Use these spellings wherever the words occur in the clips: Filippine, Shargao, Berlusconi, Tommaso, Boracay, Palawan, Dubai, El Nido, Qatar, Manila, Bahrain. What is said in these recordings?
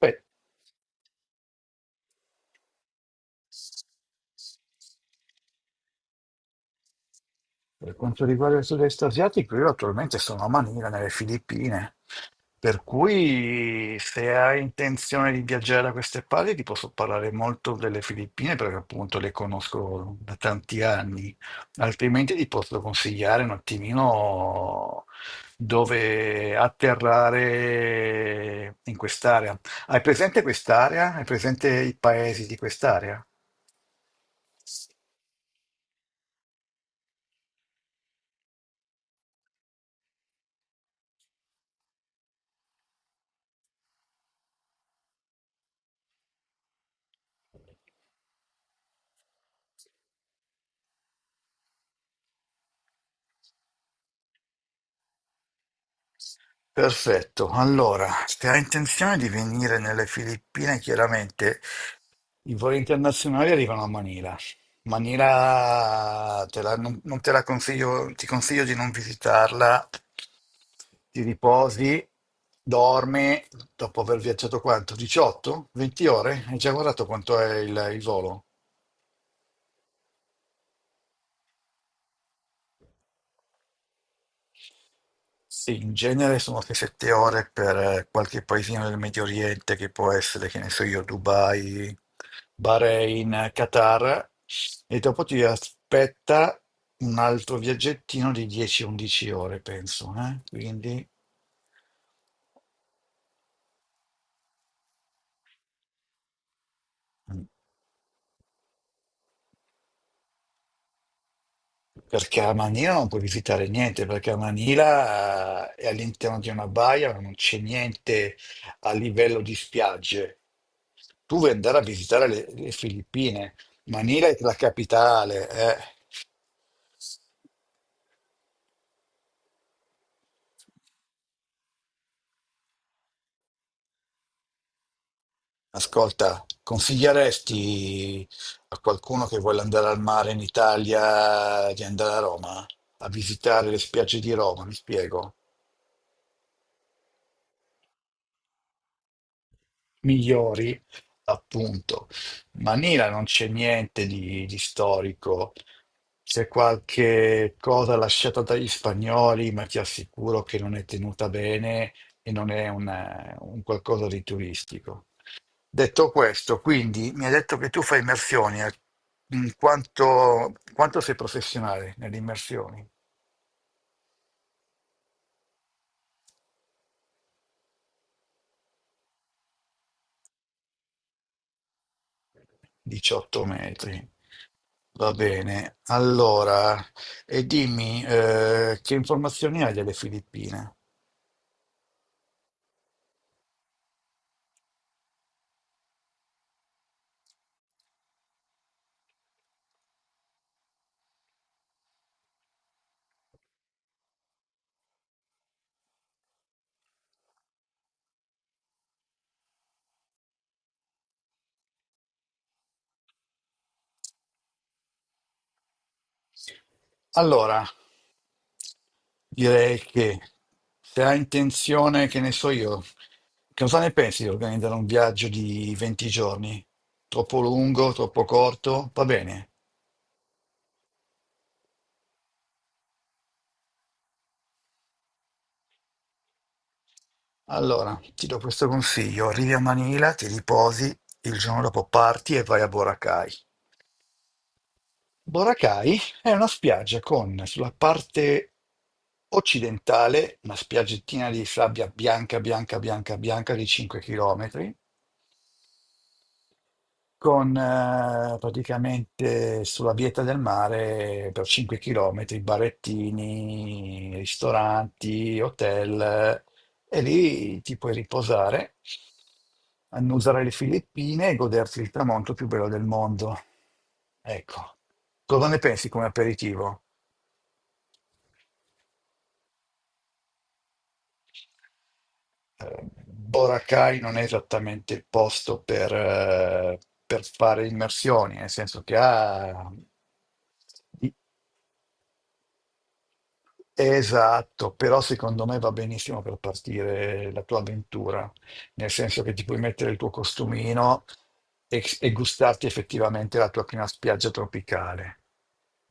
Beh, per quanto riguarda il sud-est asiatico, io attualmente sono a Manila, nelle Filippine, per cui se hai intenzione di viaggiare da queste parti ti posso parlare molto delle Filippine perché appunto le conosco da tanti anni, altrimenti ti posso consigliare un attimino dove atterrare in quest'area. Hai presente quest'area? Hai presente i paesi di quest'area? Perfetto, allora, se hai intenzione di venire nelle Filippine, chiaramente i voli internazionali arrivano a Manila. Manila te la- non, non te la consiglio, ti consiglio di non visitarla, ti riposi, dormi, dopo aver viaggiato quanto? 18? 20 ore? Hai già guardato quanto è il volo? Sì, in genere sono 6-7 ore per qualche paesino del Medio Oriente che può essere, che ne so io, Dubai, Bahrain, Qatar, e dopo ti aspetta un altro viaggettino di 10-11 ore, penso, eh? Quindi. mm. Perché a Manila non puoi visitare niente, perché a Manila è all'interno di una baia, ma non c'è niente a livello di spiagge. Tu vuoi andare a visitare le Filippine, Manila è la capitale. Ascolta, consiglieresti a qualcuno che vuole andare al mare in Italia di andare a Roma, a visitare le spiagge di Roma, mi spiego? Migliori appunto. Ma Nila non c'è niente di storico, c'è qualche cosa lasciata dagli spagnoli, ma ti assicuro che non è tenuta bene e non è un qualcosa di turistico. Detto questo, quindi mi hai detto che tu fai immersioni, in quanto sei professionale nelle immersioni? 18 metri. Va bene, allora, e dimmi che informazioni hai delle Filippine? Allora, direi che se hai intenzione, che ne so io, che cosa ne pensi di organizzare un viaggio di 20 giorni? Troppo lungo, troppo corto? Va bene. Allora, ti do questo consiglio. Arrivi a Manila, ti riposi, il giorno dopo parti e vai a Boracay. Boracay è una spiaggia con sulla parte occidentale una spiaggettina di sabbia bianca, bianca, bianca, bianca di 5 km con praticamente sulla bieta del mare per 5 km, barettini, ristoranti, hotel, e lì ti puoi riposare, annusare le Filippine e goderti il tramonto più bello del mondo. Ecco, cosa ne pensi come aperitivo? Boracay non è esattamente il posto per fare immersioni. Nel senso che ha di, Esatto, però secondo me va benissimo per partire la tua avventura, nel senso che ti puoi mettere il tuo costumino e gustarti effettivamente la tua prima spiaggia tropicale.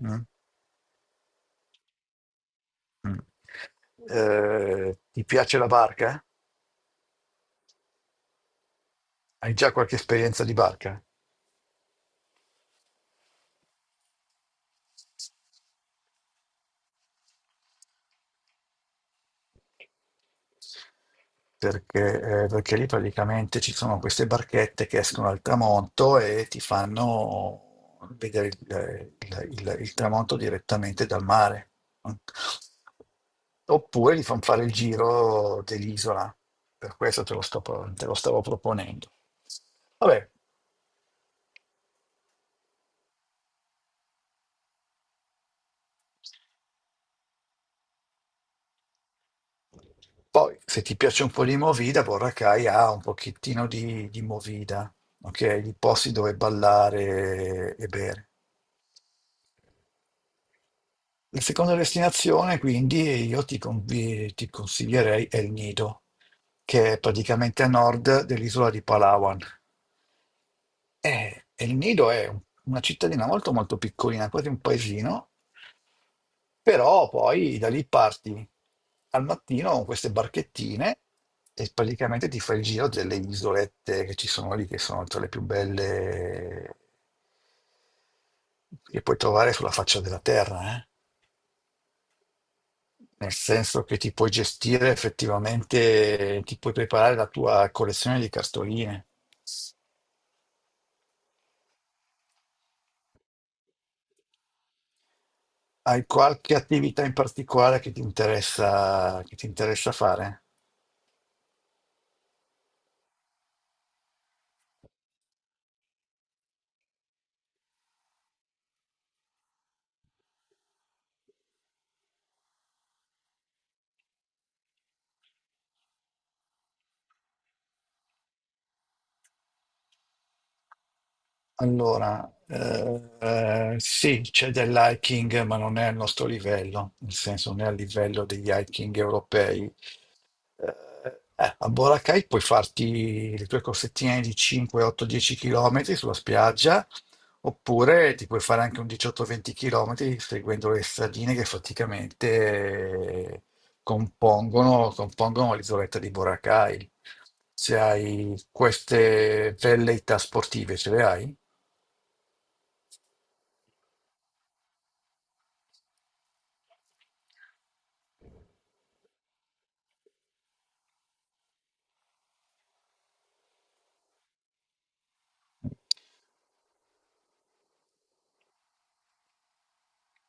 Mm? Mm. Ti piace la barca? Hai già qualche esperienza di barca? Perché lì praticamente ci sono queste barchette che escono al tramonto e ti fanno vedere il tramonto direttamente dal mare. Oppure gli fanno fare il giro dell'isola, per questo te lo stavo proponendo. Vabbè, poi se ti piace un po' di Movida, Boracay ha un pochettino di, Movida, ok? Di posti dove ballare e bere. La seconda destinazione, quindi, io ti consiglierei El Nido, che è praticamente a nord dell'isola di Palawan. E El Nido è una cittadina molto molto piccolina, quasi un paesino, però poi da lì parti al mattino con queste barchettine e praticamente ti fai il giro delle isolette che ci sono lì, che sono tra le più belle che puoi trovare sulla faccia della terra, nel senso che ti puoi gestire effettivamente, ti puoi preparare la tua collezione di cartoline. Hai qualche attività in particolare che ti interessa fare? Allora, sì, c'è dell'hiking, ma non è al nostro livello, nel senso non è al livello degli hiking europei. A Boracay puoi farti le tue corsettine di 5, 8, 10 km sulla spiaggia, oppure ti puoi fare anche un 18-20 km seguendo le stradine che praticamente eh, compongono l'isoletta di Boracay. Se hai queste velleità sportive, ce le hai?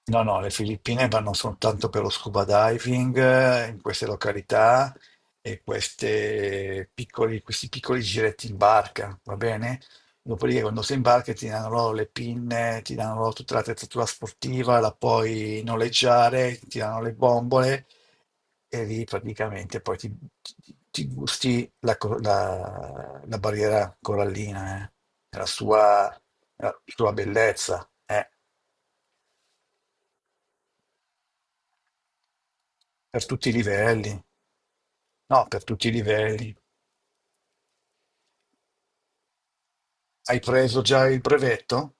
No, no, le Filippine vanno soltanto per lo scuba diving in queste località e queste questi piccoli giretti in barca, va bene? Dopodiché quando sei in barca ti danno loro le pinne, ti danno loro tutta l'attrezzatura sportiva, la puoi noleggiare, ti danno le bombole e lì praticamente poi ti gusti la barriera corallina, e la sua bellezza, per tutti i livelli. No, per tutti i livelli. Hai preso già il brevetto?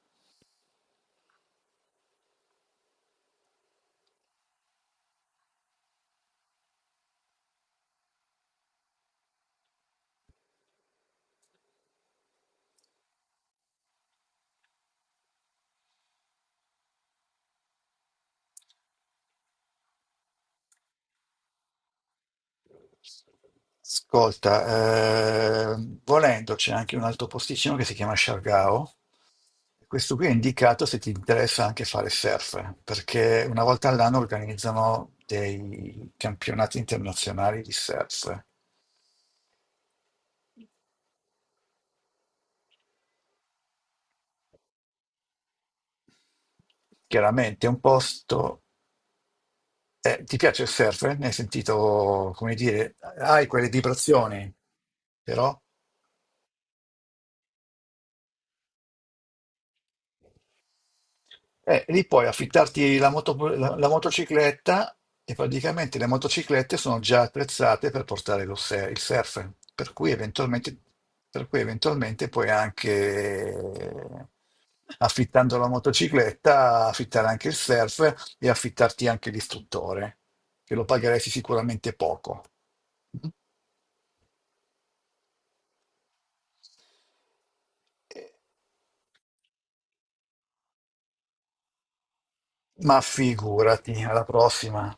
Ascolta, volendo c'è anche un altro posticino che si chiama Shargao. Questo qui è indicato se ti interessa anche fare surf, perché una volta all'anno organizzano dei campionati internazionali di surf. Chiaramente è un posto. Ti piace il surf? Ne hai sentito, come dire, hai quelle vibrazioni, però. Lì puoi affittarti la motocicletta e praticamente le motociclette sono già attrezzate per portare lo se- il surf, per cui eventualmente, per cui eventualmente puoi anche, affittando la motocicletta, affittare anche il surf e affittarti anche l'istruttore, che lo pagheresti sicuramente poco. Ma figurati, alla prossima.